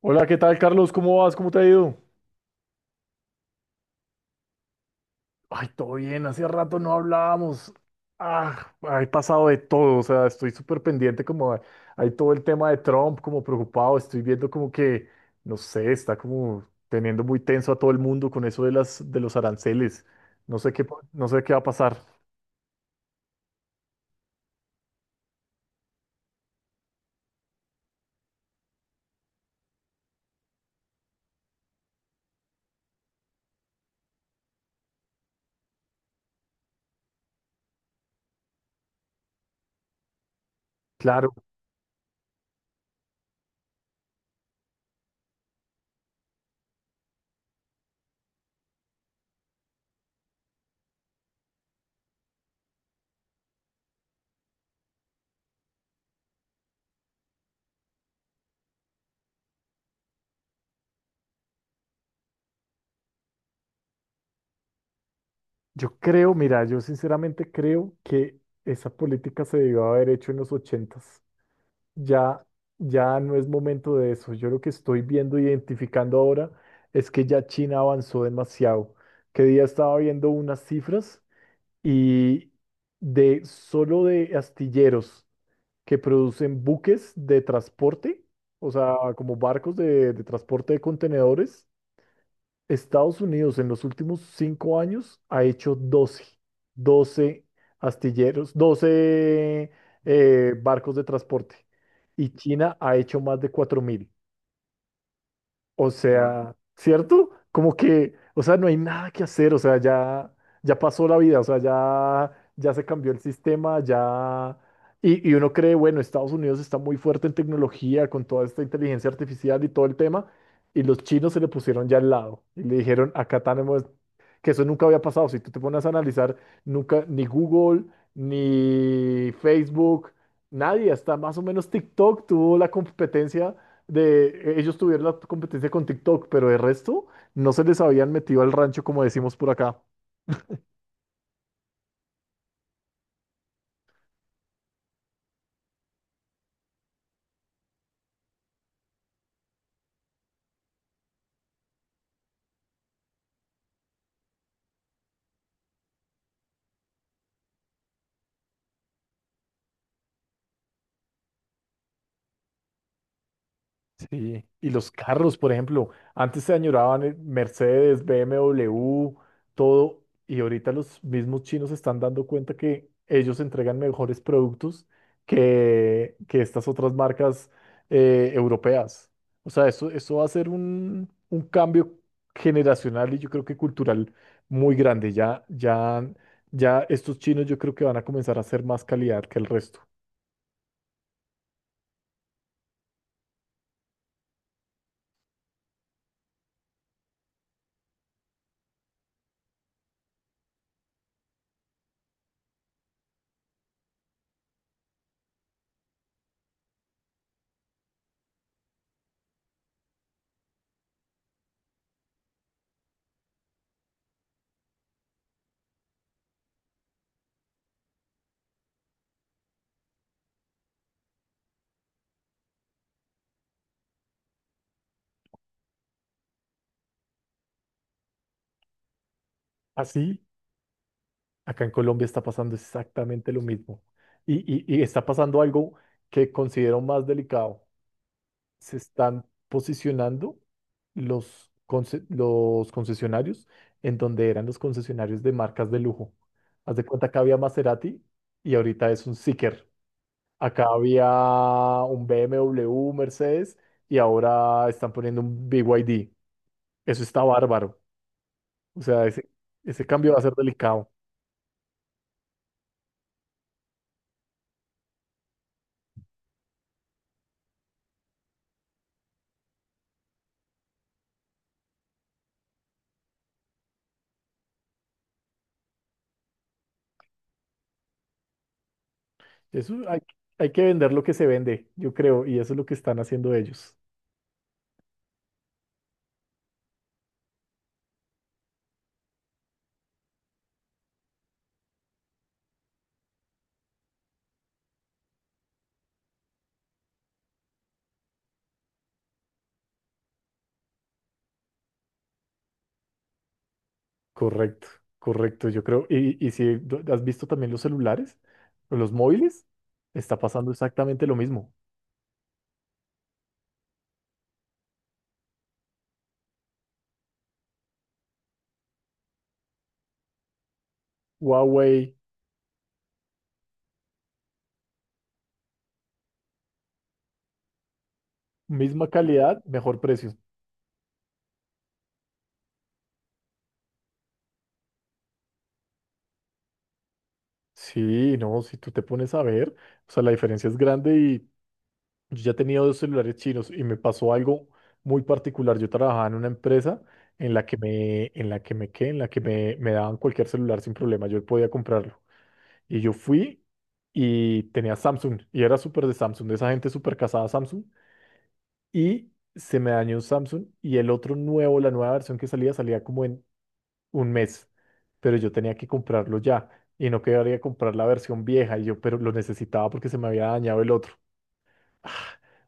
Hola, ¿qué tal, Carlos? ¿Cómo vas? ¿Cómo te ha ido? Ay, todo bien, hace rato no hablábamos. Ah, He pasado de todo, o sea, estoy súper pendiente, hay todo el tema de Trump, como preocupado, estoy viendo como que, no sé, está como teniendo muy tenso a todo el mundo con eso de los aranceles. No sé qué, no sé qué va a pasar. Claro, yo creo, mira, yo sinceramente creo que esa política se debió haber hecho en los ochentas. Ya, ya no es momento de eso. Yo lo que estoy viendo, identificando ahora, es que ya China avanzó demasiado. Que día estaba viendo unas cifras y de solo de astilleros que producen buques de transporte, o sea, como barcos de transporte de contenedores. Estados Unidos en los últimos cinco años ha hecho 12, 12 astilleros, 12 barcos de transporte, y China ha hecho más de 4.000. O sea, ¿cierto? Como que, o sea, no hay nada que hacer, o sea, ya, ya pasó la vida, o sea, ya, ya se cambió el sistema, ya... Y uno cree, bueno, Estados Unidos está muy fuerte en tecnología con toda esta inteligencia artificial y todo el tema, y los chinos se le pusieron ya al lado y le dijeron, acá tenemos, que eso nunca había pasado, si tú te pones a analizar, nunca, ni Google, ni Facebook, nadie, hasta más o menos TikTok tuvo la competencia de ellos tuvieron la competencia con TikTok, pero de resto no se les habían metido al rancho como decimos por acá. Sí, y los carros, por ejemplo, antes se añoraban Mercedes, BMW, todo, y ahorita los mismos chinos se están dando cuenta que ellos entregan mejores productos que estas otras marcas europeas. O sea, eso va a ser un cambio generacional y yo creo que cultural muy grande. Ya, ya, ya estos chinos yo creo que van a comenzar a hacer más calidad que el resto. Así. Acá en Colombia está pasando exactamente lo mismo. Y, y está pasando algo que considero más delicado. Se están posicionando los, los concesionarios en donde eran los concesionarios de marcas de lujo. Haz de cuenta que había Maserati y ahorita es un Zeekr. Acá había un BMW, un Mercedes y ahora están poniendo un BYD. Eso está bárbaro. O sea, ese cambio va a ser delicado. Eso hay, hay que vender lo que se vende, yo creo, y eso es lo que están haciendo ellos. Correcto, correcto, yo creo. Y si tú has visto también los celulares, o los móviles, está pasando exactamente lo mismo. Huawei, misma calidad, mejor precio. Sí, no, si tú te pones a ver, o sea, la diferencia es grande y yo ya tenía dos celulares chinos y me pasó algo muy particular. Yo trabajaba en una empresa en la que me, ¿qué? En la que me daban cualquier celular sin problema, yo podía comprarlo. Y yo fui y tenía Samsung y era súper de Samsung, de esa gente súper casada a Samsung. Y se me dañó un Samsung y el otro nuevo, la nueva versión que salía, salía como en un mes. Pero yo tenía que comprarlo ya y no quería comprar la versión vieja. Y yo, pero lo necesitaba porque se me había dañado el otro. Ah,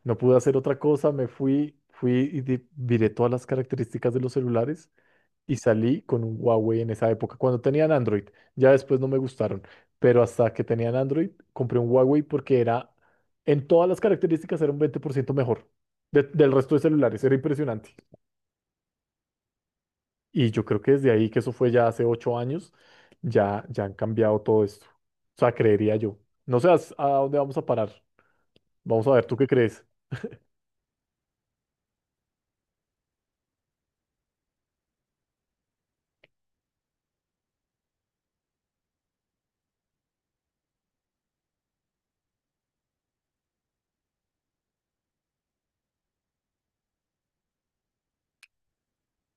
No pude hacer otra cosa, me fui, miré todas las características de los celulares y salí con un Huawei en esa época, cuando tenían Android. Ya después no me gustaron, pero hasta que tenían Android compré un Huawei porque era, en todas las características era un 20% mejor del resto de celulares, era impresionante. Y yo creo que desde ahí, que eso fue ya hace ocho años, ya, ya han cambiado todo esto. O sea, creería yo. No sé a dónde vamos a parar. Vamos a ver, ¿tú qué crees?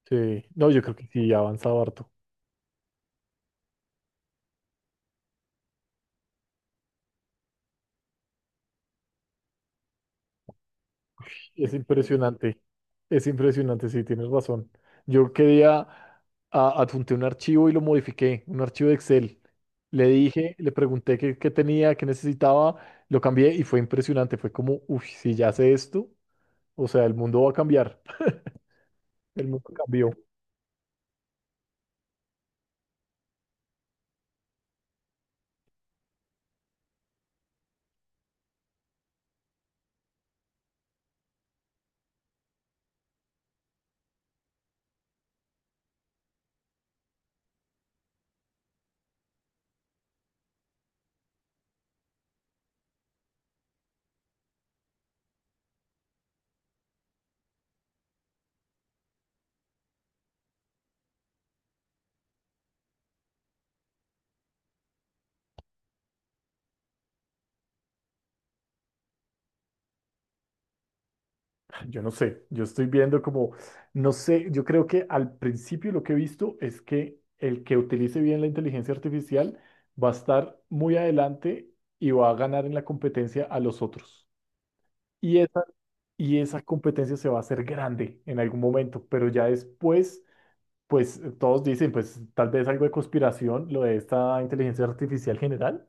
Sí, no, yo creo que sí, ha avanzado harto. Es impresionante, es impresionante, sí, tienes razón. Yo quería, adjunté un archivo y lo modifiqué, un archivo de Excel. Le dije, le pregunté qué, qué tenía, qué necesitaba, lo cambié y fue impresionante. Fue como, uff, si ya sé esto, o sea, el mundo va a cambiar. El mundo cambió. Yo no sé, yo estoy viendo como, no sé, yo creo que al principio lo que he visto es que el que utilice bien la inteligencia artificial va a estar muy adelante y va a ganar en la competencia a los otros. Y esa, y esa competencia se va a hacer grande en algún momento, pero ya después, pues todos dicen, pues tal vez algo de conspiración, lo de esta inteligencia artificial general,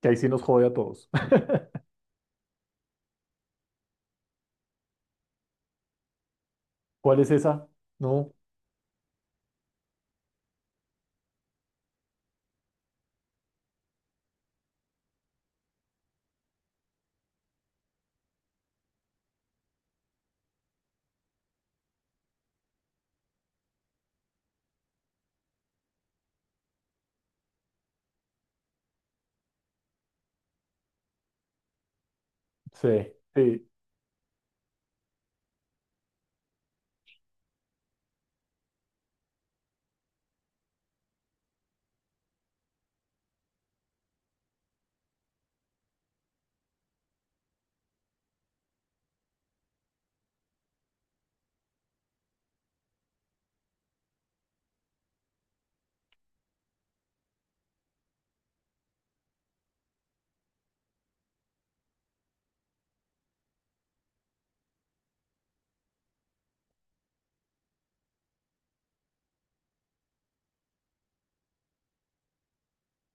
que ahí sí nos jode a todos. ¿Cuál es esa? No sé. Sí.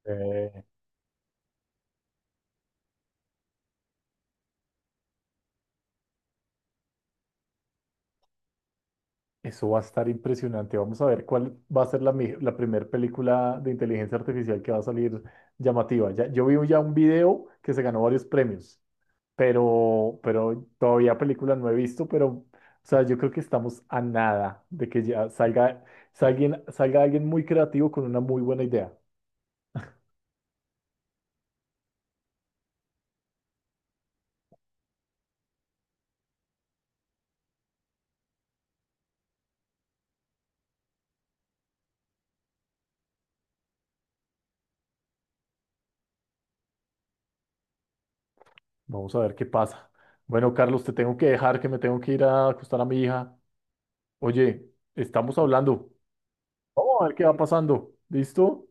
Sí. Eso va a estar impresionante. Vamos a ver cuál va a ser la primera película de inteligencia artificial que va a salir llamativa. Ya, yo vi ya un video que se ganó varios premios, pero todavía película no he visto, pero o sea, yo creo que estamos a nada de que ya salga, salga, salga alguien muy creativo con una muy buena idea. Vamos a ver qué pasa. Bueno, Carlos, te tengo que dejar, que me tengo que ir a acostar a mi hija. Oye, estamos hablando. Vamos a ver qué va pasando. ¿Listo?